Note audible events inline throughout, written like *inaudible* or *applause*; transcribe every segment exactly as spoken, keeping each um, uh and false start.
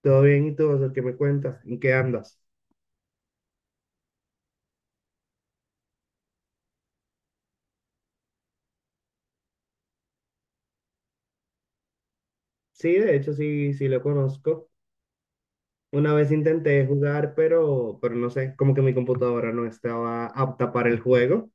Todo bien, ¿y tú, José? ¿Qué me cuentas? ¿En qué andas? Sí, de hecho, sí, sí lo conozco. Una vez intenté jugar, pero, pero no sé, como que mi computadora no estaba apta para el juego,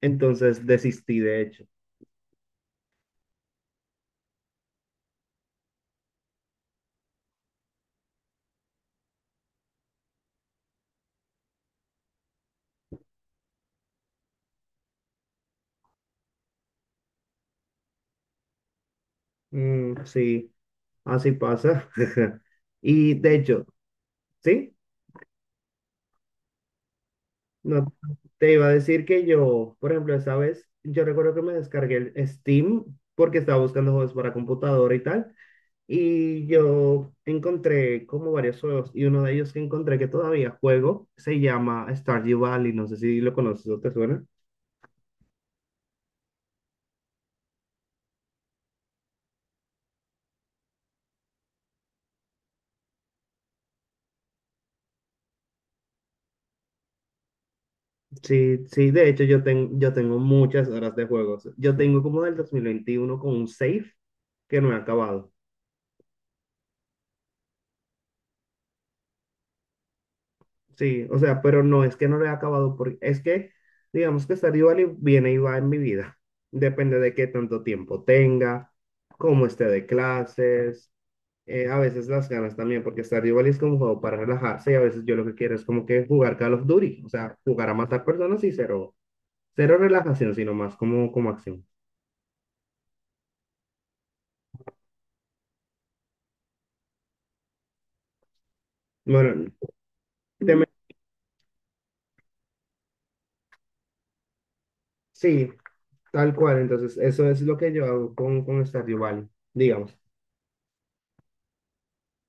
entonces desistí, de hecho. Mm, sí, así pasa. *laughs* Y de hecho, sí, no te iba a decir que yo, por ejemplo, esa vez, yo recuerdo que me descargué el Steam porque estaba buscando juegos para computadora y tal. Y yo encontré como varios juegos y uno de ellos que encontré que todavía juego se llama Stardew Valley. No sé si lo conoces o te suena. Sí, sí, de hecho yo, ten- yo tengo muchas horas de juegos. Yo tengo como del dos mil veintiuno con un save que no he acabado. Sí, o sea, pero no es que no lo he acabado porque es que digamos que Stardew Valley viene y va en mi vida. Depende de qué tanto tiempo tenga, cómo esté de clases, eh, a veces las ganas también, porque Stardew Valley es como un juego para relajarse y a veces yo lo que quiero es como que jugar Call of Duty, o sea, jugar a matar personas y cero, cero relajación, sino más como, como acción. Bueno, te Mm. me- sí, tal cual, entonces eso es lo que yo hago con, con Stardew Valley, digamos.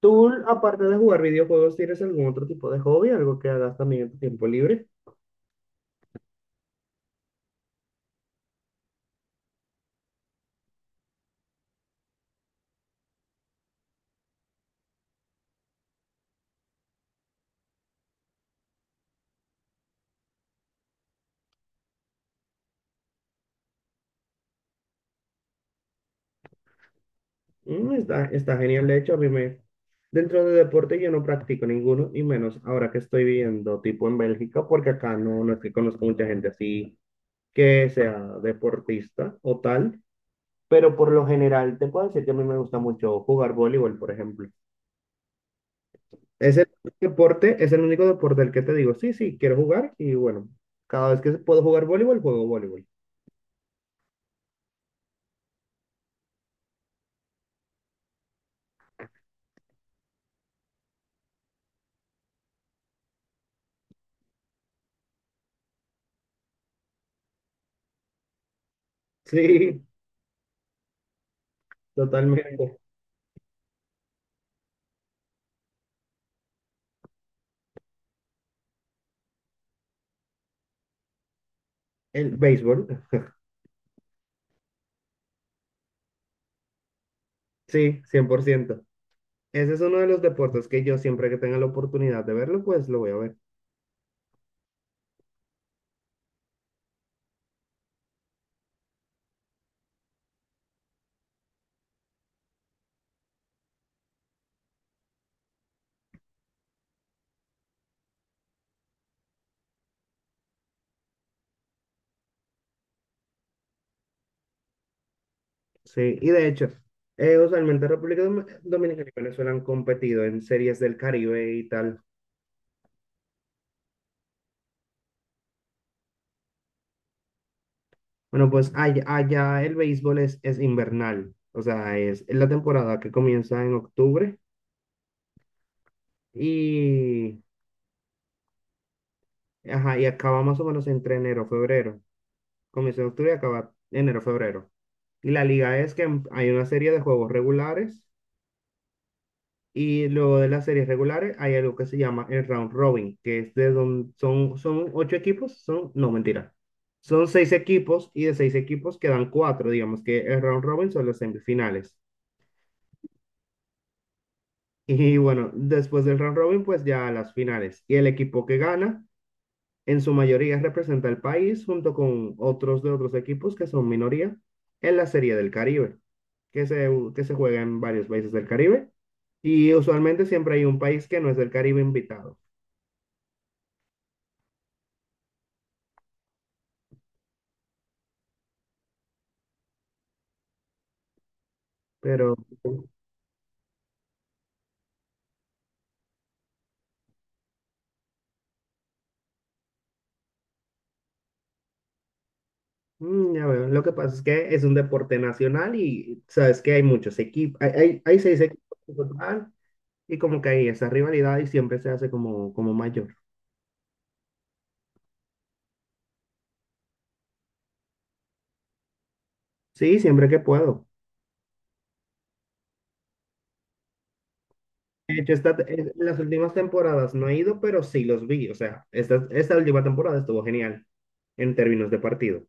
¿Tú, aparte de jugar videojuegos, tienes algún otro tipo de hobby, algo que hagas también en tu tiempo libre? Mm, Está, está genial. De hecho, a mí me… Dentro de deporte yo no practico ninguno, y menos ahora que estoy viviendo tipo en Bélgica, porque acá no, no es que conozco mucha gente así que sea deportista o tal, pero por lo general te puedo decir que a mí me gusta mucho jugar voleibol, por ejemplo. Es el deporte, es el único deporte al que te digo, sí, sí, quiero jugar y bueno, cada vez que puedo jugar voleibol, juego voleibol. Sí, totalmente. El béisbol, sí, cien por ciento. Ese es uno de los deportes que yo siempre que tenga la oportunidad de verlo, pues lo voy a ver. Sí, y de hecho, eh, usualmente República Dom- Dominicana y Venezuela han competido en series del Caribe y tal. Bueno, pues allá, allá el béisbol es, es invernal, o sea, es la temporada que comienza en octubre y, ajá, y acaba más o menos entre enero, febrero. Comienza en octubre y acaba enero, febrero. Y la liga es que em- hay una serie de juegos regulares. Y luego de las series regulares hay algo que se llama el round robin, que es de donde son, son ocho equipos, son, no, mentira, son seis equipos y de seis equipos quedan cuatro, digamos que el round robin son las semifinales. Y bueno, después del round robin, pues ya las finales. Y el equipo que gana, en su mayoría representa al país junto con otros de otros equipos que son minoría en la Serie del Caribe, que se, que se juega en varios países del Caribe. Y usualmente siempre hay un país que no es del Caribe invitado. Pero mm, ya veo, lo que pasa es que es un deporte nacional y sabes que hay muchos equipos, hay, hay, hay seis equipos en total y como que hay esa rivalidad y siempre se hace como, como mayor. Sí, siempre que puedo. De hecho, esta, en las últimas temporadas no he ido, pero sí los vi. O sea, esta, esta última temporada estuvo genial en términos de partido.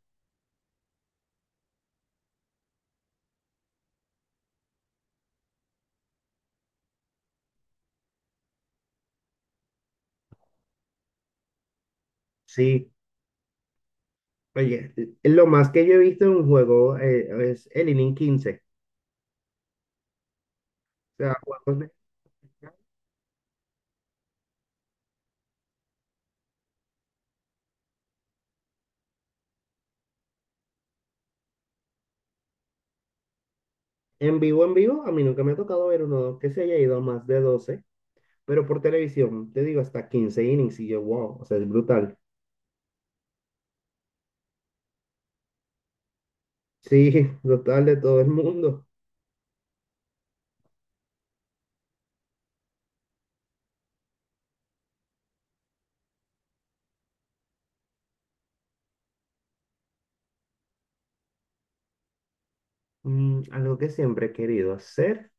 Sí, oye, lo más que yo he visto en un juego eh, es el inning quince. O sea, juegos de En vivo, en vivo, a mí nunca me ha tocado ver uno que se haya ido a más de doce, pero por televisión, te digo, hasta quince innings y yo, wow, o sea, es brutal. Sí, *laughs* brutal de todo el mundo. Mm, algo que siempre he querido hacer,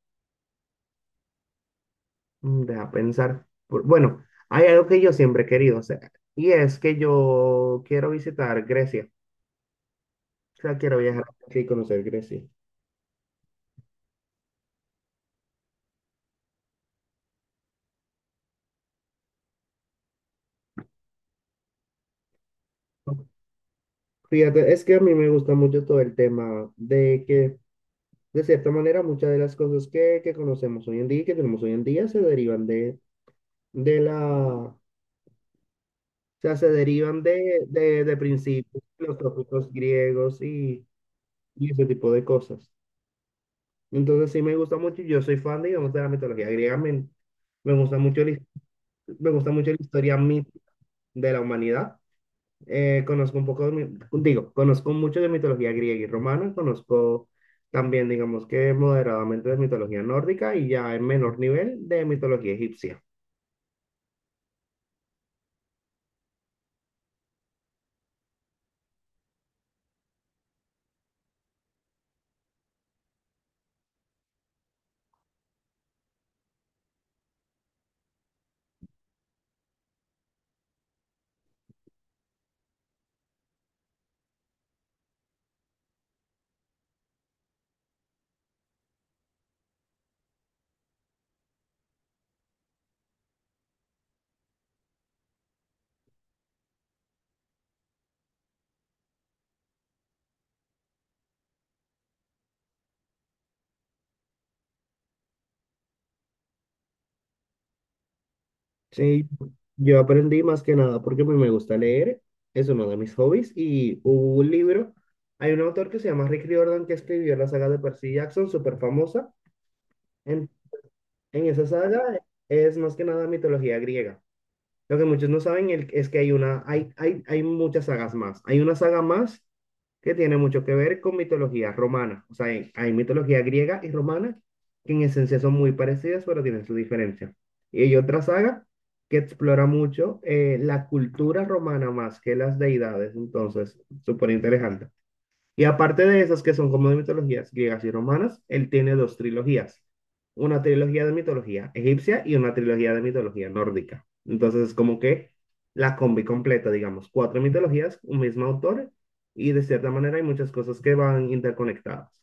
mm, deja pensar, por- bueno, hay algo que yo siempre he querido hacer y es que yo quiero visitar Grecia, o sea, quiero viajar aquí y conocer Grecia. Fíjate, es que a mí me gusta mucho todo el tema de que de cierta manera, muchas de las cosas que, que conocemos hoy en día y que tenemos hoy en día se derivan de, de la, o sea, se derivan de, de, de principios filosóficos griegos y, y ese tipo de cosas. Entonces sí me gusta mucho, yo soy fan, digamos, de la mitología griega, me, me gusta mucho, la his- me gusta mucho la historia mí- de la humanidad. Eh, conozco un poco de, mi- digo, conozco mucho de mitología griega y romana, conozco también, digamos que moderadamente de mitología nórdica y ya en menor nivel de mitología egipcia. Sí, yo aprendí más que nada porque pues, me gusta leer, es uno de mis hobbies y hubo un libro, hay un autor que se llama Rick Riordan que escribió la saga de Percy Jackson, súper famosa. En, en esa saga es más que nada mitología griega. Lo que muchos no saben el- es que hay una, hay, hay, hay muchas sagas más. Hay una saga más que tiene mucho que ver con mitología romana. O sea, hay, hay mitología griega y romana que en esencia son muy parecidas, pero tienen su diferencia. Y hay otra saga que explora mucho eh, la cultura romana más que las deidades. Entonces, súper interesante. Y aparte de esas que son como de mitologías griegas y romanas, él tiene dos trilogías. Una trilogía de mitología egipcia y una trilogía de mitología nórdica. Entonces es como que la combi completa, digamos, cuatro mitologías, un mismo autor, y de cierta manera hay muchas cosas que van interconectadas.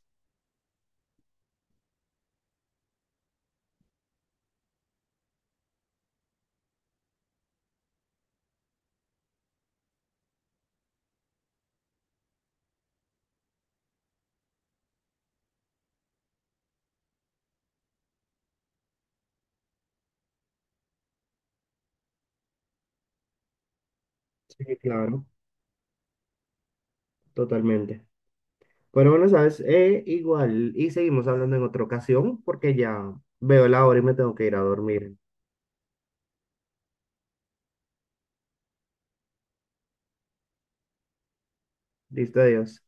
Sí, claro, totalmente. Pero bueno, sabes, Eh, igual, y seguimos hablando en otra ocasión porque ya veo la hora y me tengo que ir a dormir. Listo, adiós.